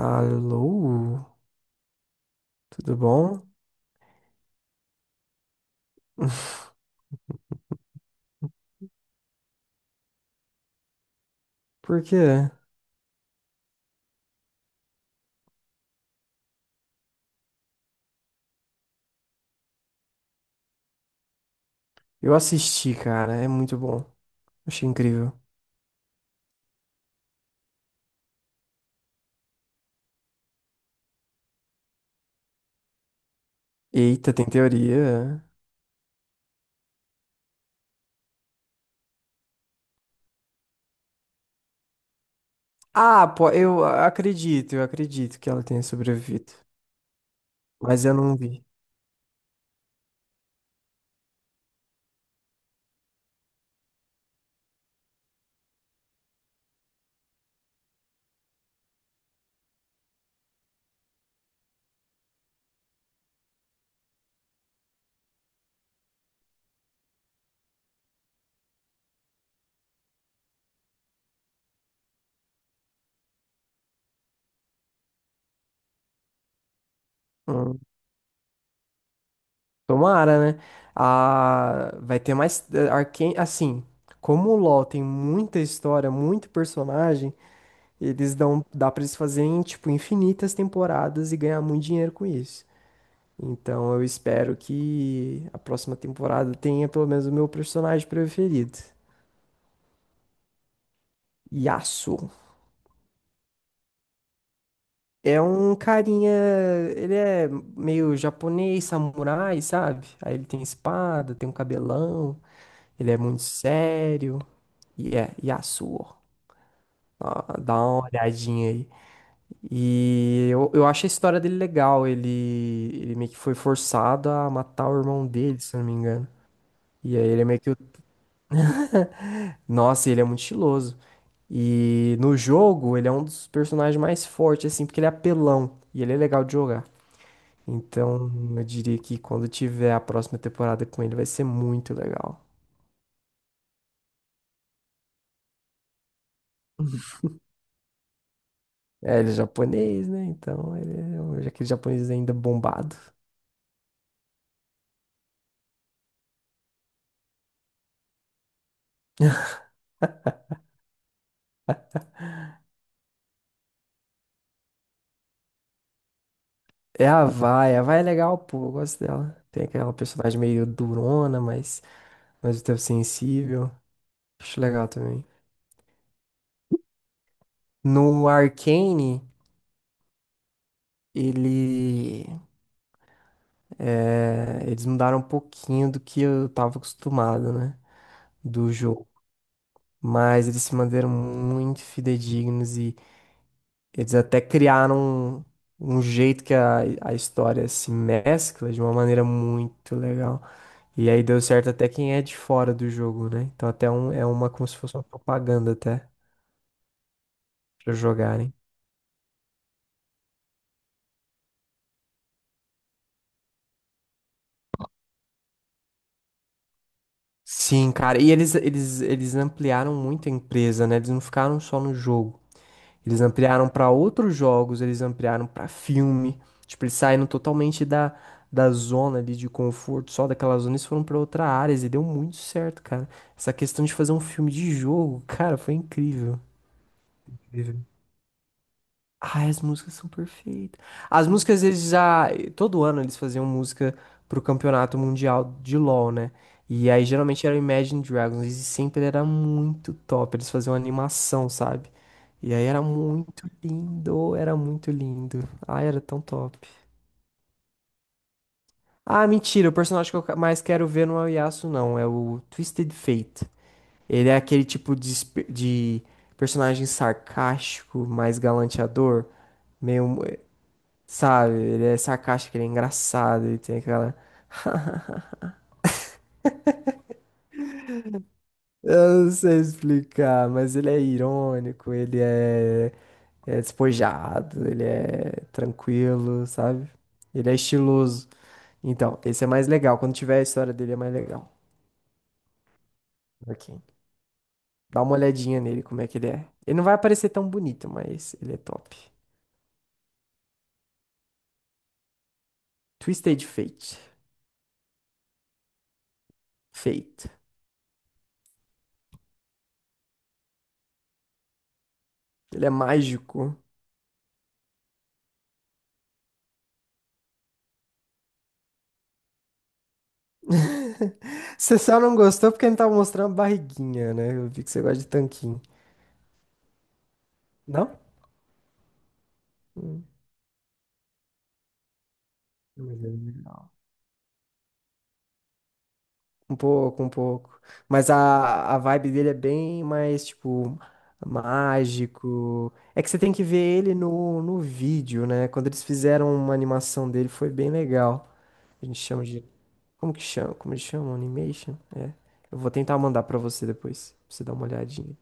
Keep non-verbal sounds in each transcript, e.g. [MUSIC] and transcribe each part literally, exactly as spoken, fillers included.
Alô, tudo bom? [LAUGHS] Por quê? Eu assisti, cara, é muito bom. Achei incrível. Eita, tem teoria. Ah, pô, eu acredito, eu acredito que ela tenha sobrevivido. Mas eu não vi. Hum, Tomara, né? Ah, vai ter mais. eh, Arcane, assim, como o LoL tem muita história, muito personagem, eles dão. Dá pra eles fazerem, tipo, infinitas temporadas e ganhar muito dinheiro com isso. Então eu espero que a próxima temporada tenha pelo menos o meu personagem preferido, Yasuo. É um carinha, ele é meio japonês, samurai, sabe? Aí ele tem espada, tem um cabelão, ele é muito sério. E é Yasuo. Ó, dá uma olhadinha aí. E eu, eu acho a história dele legal. Ele, ele meio que foi forçado a matar o irmão dele, se eu não me engano. E aí ele é meio que o… [LAUGHS] Nossa, ele é muito estiloso. E no jogo, ele é um dos personagens mais fortes, assim, porque ele é apelão e ele é legal de jogar. Então, eu diria que quando tiver a próxima temporada com ele, vai ser muito legal. É, ele é japonês, né? Então, ele é um- aquele japonês ainda bombado. É a Vai, a Vai é legal, pô, eu gosto dela. Tem aquela personagem meio durona, mas ao mesmo tempo sensível. Acho legal também. No Arcane, ele… É, eles mudaram um pouquinho do que eu tava acostumado, né? Do jogo. Mas eles se manteram muito fidedignos e eles até criaram um, um jeito que a, a história se mescla de uma maneira muito legal. E aí deu certo até quem é de fora do jogo, né? Então até um, é uma, como se fosse uma propaganda até pra jogarem. Sim, cara. E eles, eles, eles ampliaram muito a empresa, né? Eles não ficaram só no jogo. Eles ampliaram para outros jogos, eles ampliaram para filme. Tipo, eles saíram totalmente da, da zona ali de conforto, só daquela zona, eles foram para outra área e deu muito certo, cara. Essa questão de fazer um filme de jogo, [LAUGHS] cara, foi incrível. Incrível. Ai, as músicas são perfeitas. As músicas, eles já… Todo ano eles faziam música pro campeonato mundial de LoL, né? E aí geralmente era Imagine Dragons. E sempre era muito top. Eles faziam animação, sabe? E aí era muito lindo. Era muito lindo. Ai, era tão top. Ah, mentira. O personagem que eu ca- mais quero ver não é o Yasuo, não. É o Twisted Fate. Ele é aquele tipo de, espe- de personagem sarcástico, mais galanteador. Meio… Sabe? Ele é sarcástico, ele é engraçado, ele tem aquela… [LAUGHS] Eu não sei explicar, mas ele é irônico, ele é, é despojado, ele é tranquilo, sabe? Ele é estiloso. Então, esse é mais legal. Quando tiver a história dele, é mais legal. Ok. Dá uma olhadinha nele, como é que ele é. Ele não vai aparecer tão bonito, mas ele é top. Twisted Fate. Fate. Ele é mágico. [LAUGHS] Você só não gostou porque não tava mostrando a barriguinha, né? Eu vi que você gosta de tanquinho. Não? Hum, mas é legal. Um pouco, um pouco. Mas a, a vibe dele é bem mais, tipo, mágico. É que você tem que ver ele no, no vídeo, né? Quando eles fizeram uma animação dele, foi bem legal. A gente chama de… Como que chama? Como eles chamam? Animation? É. Eu vou tentar mandar pra você depois, pra você dar uma olhadinha.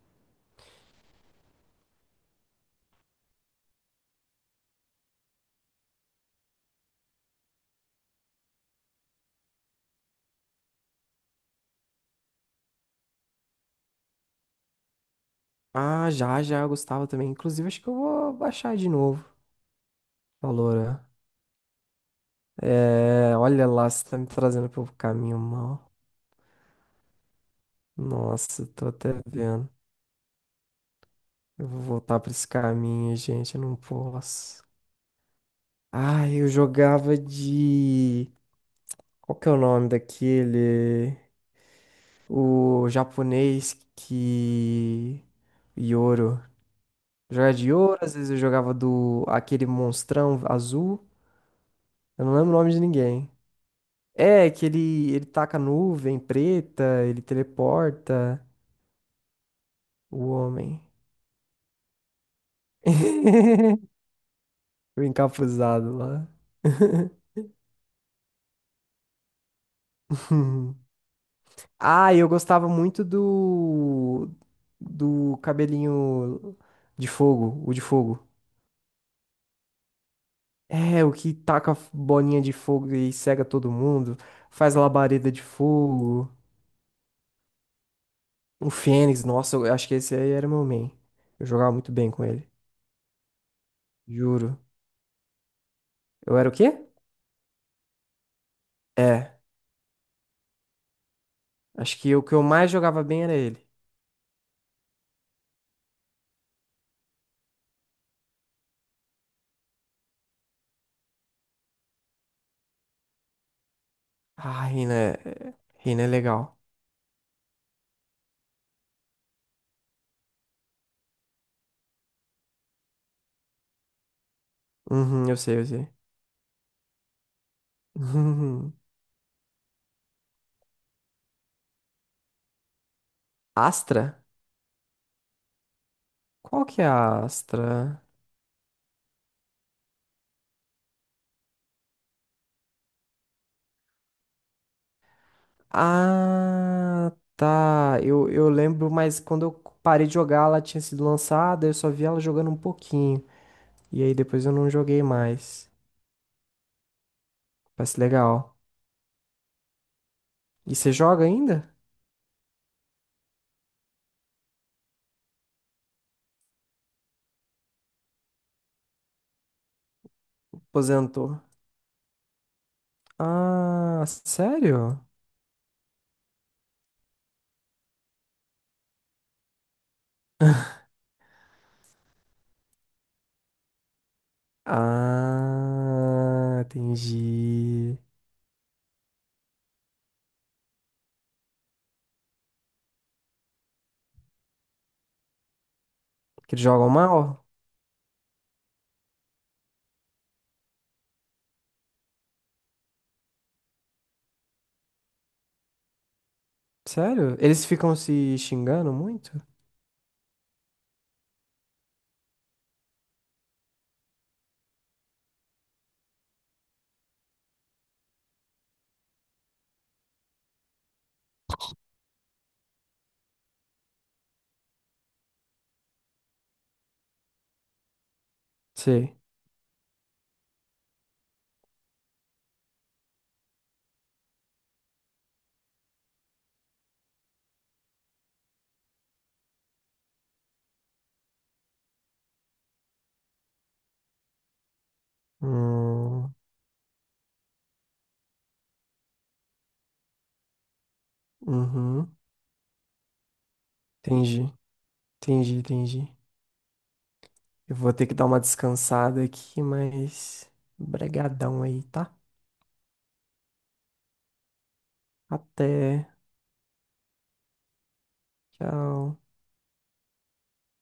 Ah, já, já, eu gostava também. Inclusive, acho que eu vou baixar de novo. Falou, né? É, olha lá, você tá me trazendo pelo caminho mal. Nossa, tô até vendo. Eu vou voltar pra esse caminho, gente, eu não posso. Ah, eu jogava de… Qual que é o nome daquele? O japonês que… Yoro. Jogava de Yoro, às vezes eu jogava do… Aquele monstrão azul. Eu não lembro o nome de ninguém. É, que ele, ele taca nuvem preta, ele teleporta o homem. [LAUGHS] O encapuzado lá. [LAUGHS] Ah, eu gostava muito do do cabelinho de fogo, o de fogo. É, o que taca f- bolinha de fogo e cega todo mundo, faz labareda de fogo. O Fênix, nossa, eu acho que esse aí era meu main. Eu jogava muito bem com ele, juro. Eu era o quê? É, acho que o que eu mais jogava bem era ele. Ah, Reina é, Reina é legal. Uhum, eu sei, eu sei. [LAUGHS] Astra? Qual que é a Astra? Ah, tá. Eu, eu lembro, mas quando eu parei de jogar, ela tinha sido lançada, eu só vi ela jogando um pouquinho. E aí depois eu não joguei mais. Parece legal. E você joga ainda? Aposentou. Ah, sério? [LAUGHS] Ah, entendi. Que eles jogam mal? Sério? Eles ficam se xingando muito? Sei. Hum, uhum, entendi. Entendi, entendi. Eu vou ter que dar uma descansada aqui, mas… Bregadão aí, tá? Até. Tchau.